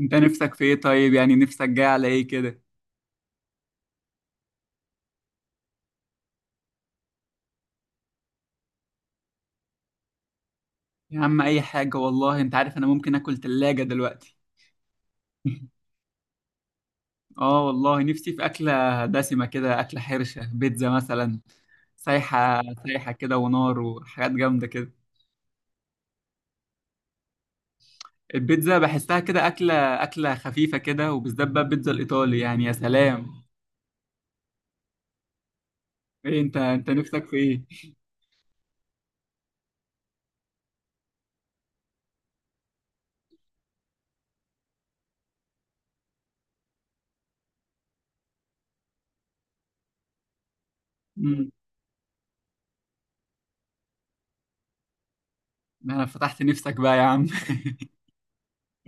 انت نفسك في ايه؟ طيب يعني نفسك جاي على ايه كده؟ يا عم اي حاجة والله، انت عارف انا ممكن اكل تلاجة دلوقتي. اه والله نفسي في اكلة دسمة كده، اكلة حرشة، بيتزا مثلا، سايحة. سايحة كده ونار وحاجات جامدة كده. البيتزا بحسها كده اكلة، اكلة خفيفة كده، وبالذات بقى البيتزا الايطالي يعني يا سلام. ايه انت، انت نفسك في ايه؟ امم انا فتحت نفسك بقى يا عم.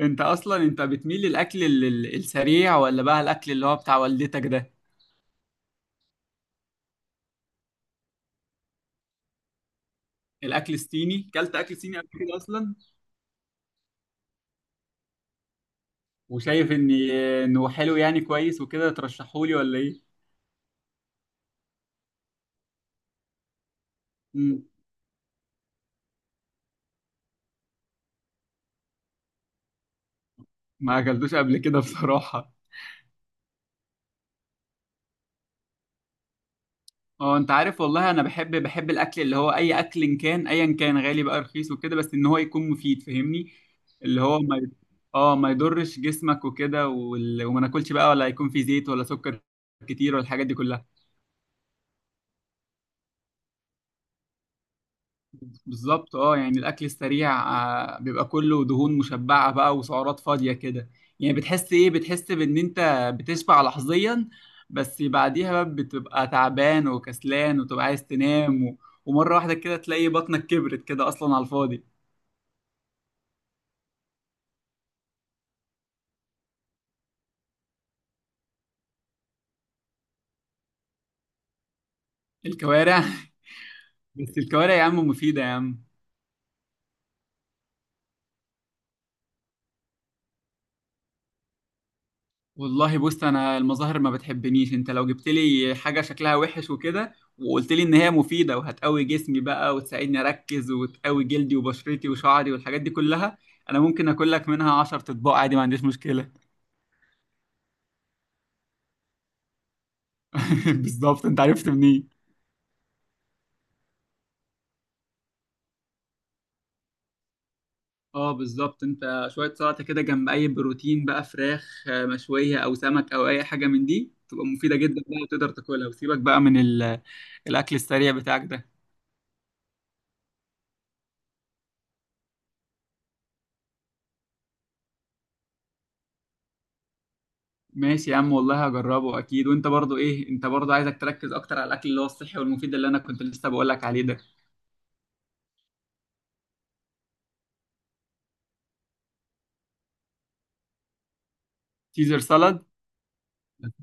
انت اصلا انت بتميل للاكل السريع، ولا بقى الاكل اللي هو بتاع والدتك ده؟ الاكل الصيني، كلت اكل صيني قبل كده اصلا؟ وشايف ان، انه حلو يعني كويس وكده؟ ترشحولي ولا ايه؟ مم. ما اكلتوش قبل كده بصراحه. اه انت عارف والله انا بحب، بحب الاكل اللي هو اي اكل إن كان ايا كان غالي بقى رخيص وكده، بس ان هو يكون مفيد، فاهمني؟ اللي هو ما ي- اه ما يضرش جسمك وكده، وما ناكلش بقى، ولا يكون فيه زيت ولا سكر كتير ولا الحاجات دي كلها. بالظبط، اه يعني الاكل السريع، آه، بيبقى كله دهون مشبعه بقى وسعرات فاضيه كده. يعني بتحس ايه، بتحس بان انت بتشبع لحظيا، بس بعديها بقى بتبقى تعبان وكسلان وتبقى عايز تنام ومره واحده كده تلاقي بطنك كبرت كده اصلا على الفاضي. الكوارع. بس الكوارع يا عم مفيده يا عم. والله بص انا المظاهر ما بتحبنيش، انت لو جبت لي حاجه شكلها وحش وكده، وقلت لي ان هي مفيده وهتقوي جسمي بقى وتساعدني اركز وتقوي جلدي وبشرتي وشعري والحاجات دي كلها، انا ممكن اكل لك منها 10 اطباق عادي، ما عنديش مشكله. بالظبط. انت عرفت منين؟ اه بالظبط، انت شويه سلطه كده جنب اي بروتين بقى، فراخ آه، مشويه او سمك او اي حاجه من دي، تبقى مفيده جدا بقى وتقدر تاكلها، وسيبك بقى من ال-، الاكل السريع بتاعك ده. ماشي يا عم والله هجربه اكيد. وانت برضو ايه، انت برضو عايزك تركز اكتر على الاكل اللي هو الصحي والمفيد، اللي انا كنت لسه بقول لك عليه ده. سيزر سالاد.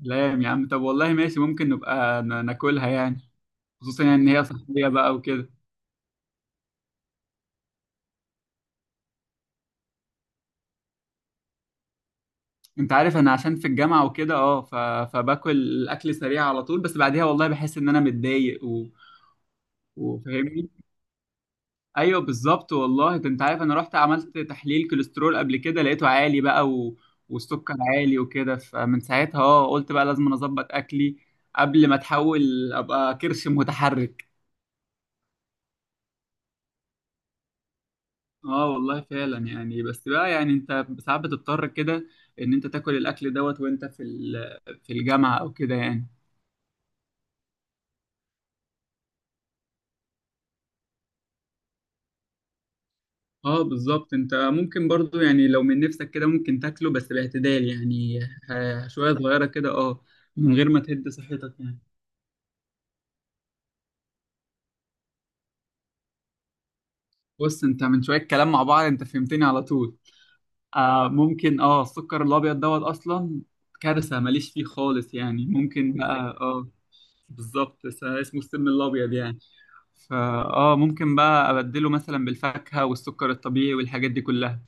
سلام يا عم، طب والله ماشي، ممكن نبقى ناكلها يعني، خصوصا يعني ان هي صحيه بقى وكده. انت عارف انا عشان في الجامعه وكده اه فباكل الاكل سريع على طول، بس بعديها والله بحس ان انا متضايق وفاهمني. ايوه بالظبط والله، ده انت عارف انا رحت عملت تحليل كوليسترول قبل كده لقيته عالي بقى والسكر عالي وكده، فمن ساعتها اه قلت بقى لازم أنا اظبط اكلي قبل ما اتحول ابقى كرش متحرك. اه والله فعلا يعني، بس بقى يعني انت ساعات بتضطر كده ان انت تاكل الاكل دوت وانت في في الجامعة او كده يعني. اه بالظبط، انت ممكن برضو يعني لو من نفسك كده ممكن تاكله بس باعتدال يعني، آه، شوية صغيرة كده اه، من غير ما تهد صحتك يعني. بص انت من شويه كلام مع بعض انت فهمتني على طول. آه ممكن، اه السكر الابيض دوت اصلا كارثه، ماليش فيه خالص، يعني ممكن بقى اه. بالظبط، بس اسمه السم الابيض يعني. فا اه ممكن بقى ابدله مثلا بالفاكهه والسكر الطبيعي والحاجات دي كلها.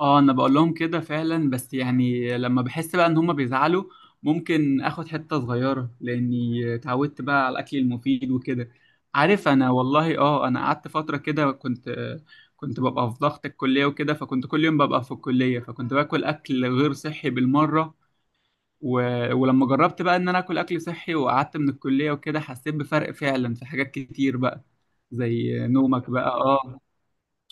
اه انا بقول لهم كده فعلا، بس يعني لما بحس بقى ان هم بيزعلوا، ممكن اخد حتة صغيرة، لاني اتعودت بقى على الاكل المفيد وكده. عارف انا والله، اه انا قعدت فترة كده كنت، كنت ببقى في ضغط الكلية وكده، فكنت كل يوم ببقى في الكلية، فكنت باكل اكل غير صحي بالمرة و... ولما جربت بقى ان انا اكل اكل صحي وقعدت من الكلية وكده، حسيت بفرق فعلا في حاجات كتير بقى، زي نومك بقى اه.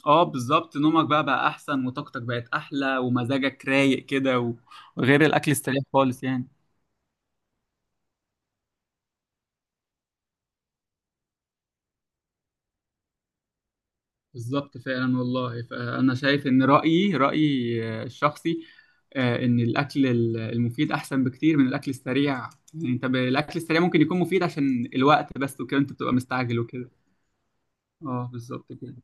اه بالظبط، نومك بقى بقى احسن، وطاقتك بقت احلى، ومزاجك رايق كده وغير الاكل السريع خالص يعني. بالظبط فعلا والله، فأنا شايف إن رأيي رأيي آه، الشخصي آه، إن الأكل المفيد أحسن بكتير من الأكل السريع. يعني أنت الأكل السريع ممكن يكون مفيد عشان الوقت بس وكده، أنت بتبقى مستعجل وكده. اه بالظبط كده.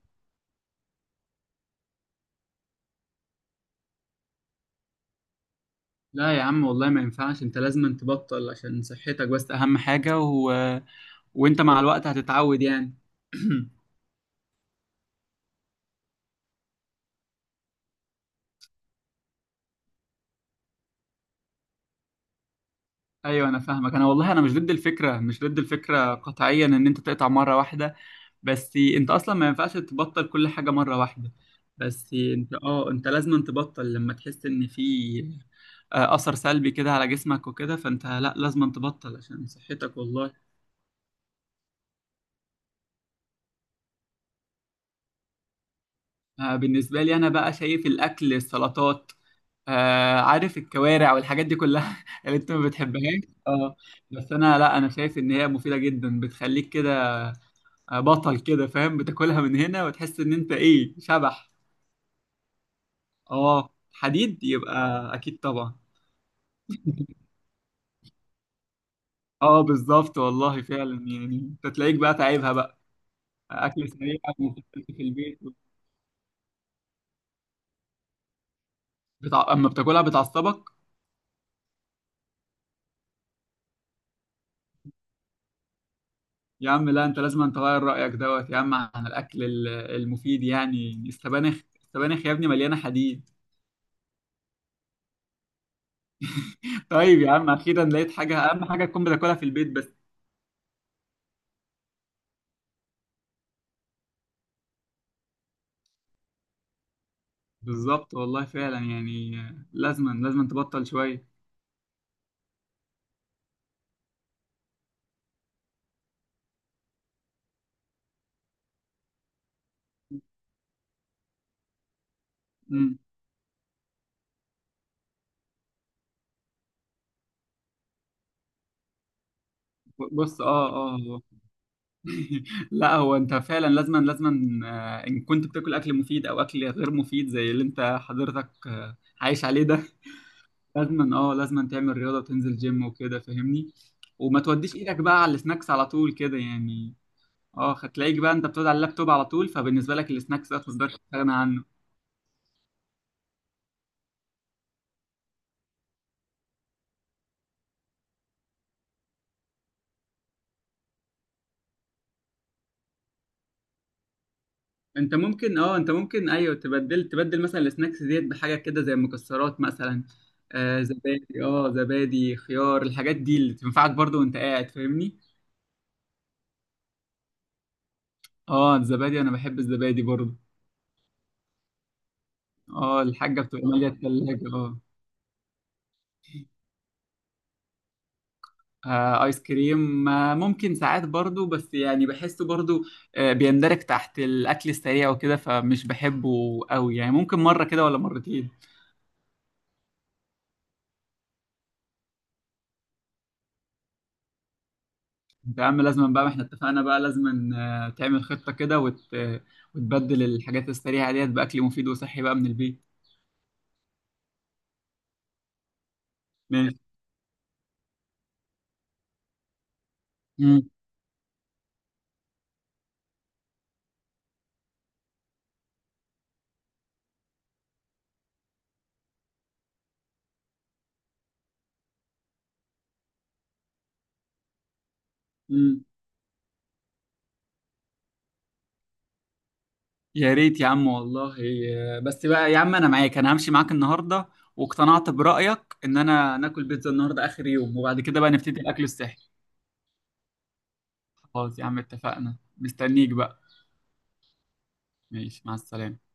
لا يا عم والله ما ينفعش، أنت لازم تبطل عشان صحتك بس، أهم حاجة وأنت مع الوقت هتتعود يعني. ايوه انا فاهمك، انا والله انا مش ضد الفكره، مش ضد الفكره قطعيا ان انت تقطع مره واحده. بس انت اصلا ما ينفعش تبطل كل حاجه مره واحده. بس انت اه انت لازم تبطل لما تحس ان في آه، اثر سلبي كده على جسمك وكده، فانت لا لازم تبطل عشان صحتك والله. آه، بالنسبه لي انا بقى، شايف الاكل السلطات، آه، عارف الكوارع والحاجات دي كلها، اللي انت ما بتحبهاش. اه بس انا لا، انا شايف ان هي مفيده جدا، بتخليك كده آه، بطل كده، فاهم؟ بتاكلها من هنا وتحس ان انت ايه، شبح. اه حديد يبقى. اكيد طبعا. اه بالظبط والله فعلا يعني، انت تلاقيك بقى تعيبها بقى، اكل سريع، وبتاكل في البيت. اما بتاكلها بتعصبك؟ يا عم لا، انت لازم أن تغير رايك دوت يا عم عن الاكل المفيد يعني، السبانخ، السبانخ يا ابني مليانه حديد. طيب يا عم اخيرا لقيت حاجه، اهم حاجه تكون بتاكلها في البيت بس. بالظبط والله فعلا يعني، لازما لازما تبطل شويه. بص اه اه آه. لا هو انت فعلا لازما لازما آه، ان كنت بتاكل اكل مفيد او اكل غير مفيد زي اللي انت حضرتك آه، عايش عليه ده، لازما اه لازما تعمل رياضه وتنزل جيم وكده، فاهمني؟ وما توديش ايدك بقى على السناكس على طول كده يعني. اه هتلاقيك بقى انت بتقعد على اللابتوب على طول، فبالنسبه لك السناكس ده ما تقدرش تستغنى عنه. انت ممكن اه انت ممكن ايوه تبدل، تبدل مثلا السناكس ديت بحاجه كده زي المكسرات مثلا، آه زبادي، اه زبادي خيار، الحاجات دي اللي تنفعك برضو وانت قاعد، فاهمني؟ اه الزبادي، انا بحب الزبادي برضو. اه الحاجه بتبقى ماليه الثلاجه اه. آه، ايس كريم آه ممكن ساعات برضو، بس يعني بحسه برضو آه بيندرج تحت الاكل السريع وكده، فمش بحبه قوي يعني، ممكن مره كده ولا مرتين. يا عم لازم بقى، ما احنا اتفقنا بقى، لازم آه، تعمل خطة كده آه، وتبدل الحاجات السريعة ديت بأكل مفيد وصحي بقى من البيت. ماشي. مم. مم. يا ريت يا عم والله، آه، بس بقى يا عم انا معاك، انا همشي معاك النهاردة، واقتنعت برأيك ان انا ناكل بيتزا النهاردة اخر يوم، وبعد كده بقى نبتدي الاكل الصحي. خلاص يا عم اتفقنا، مستنيك بقى. ماشي مع السلامة.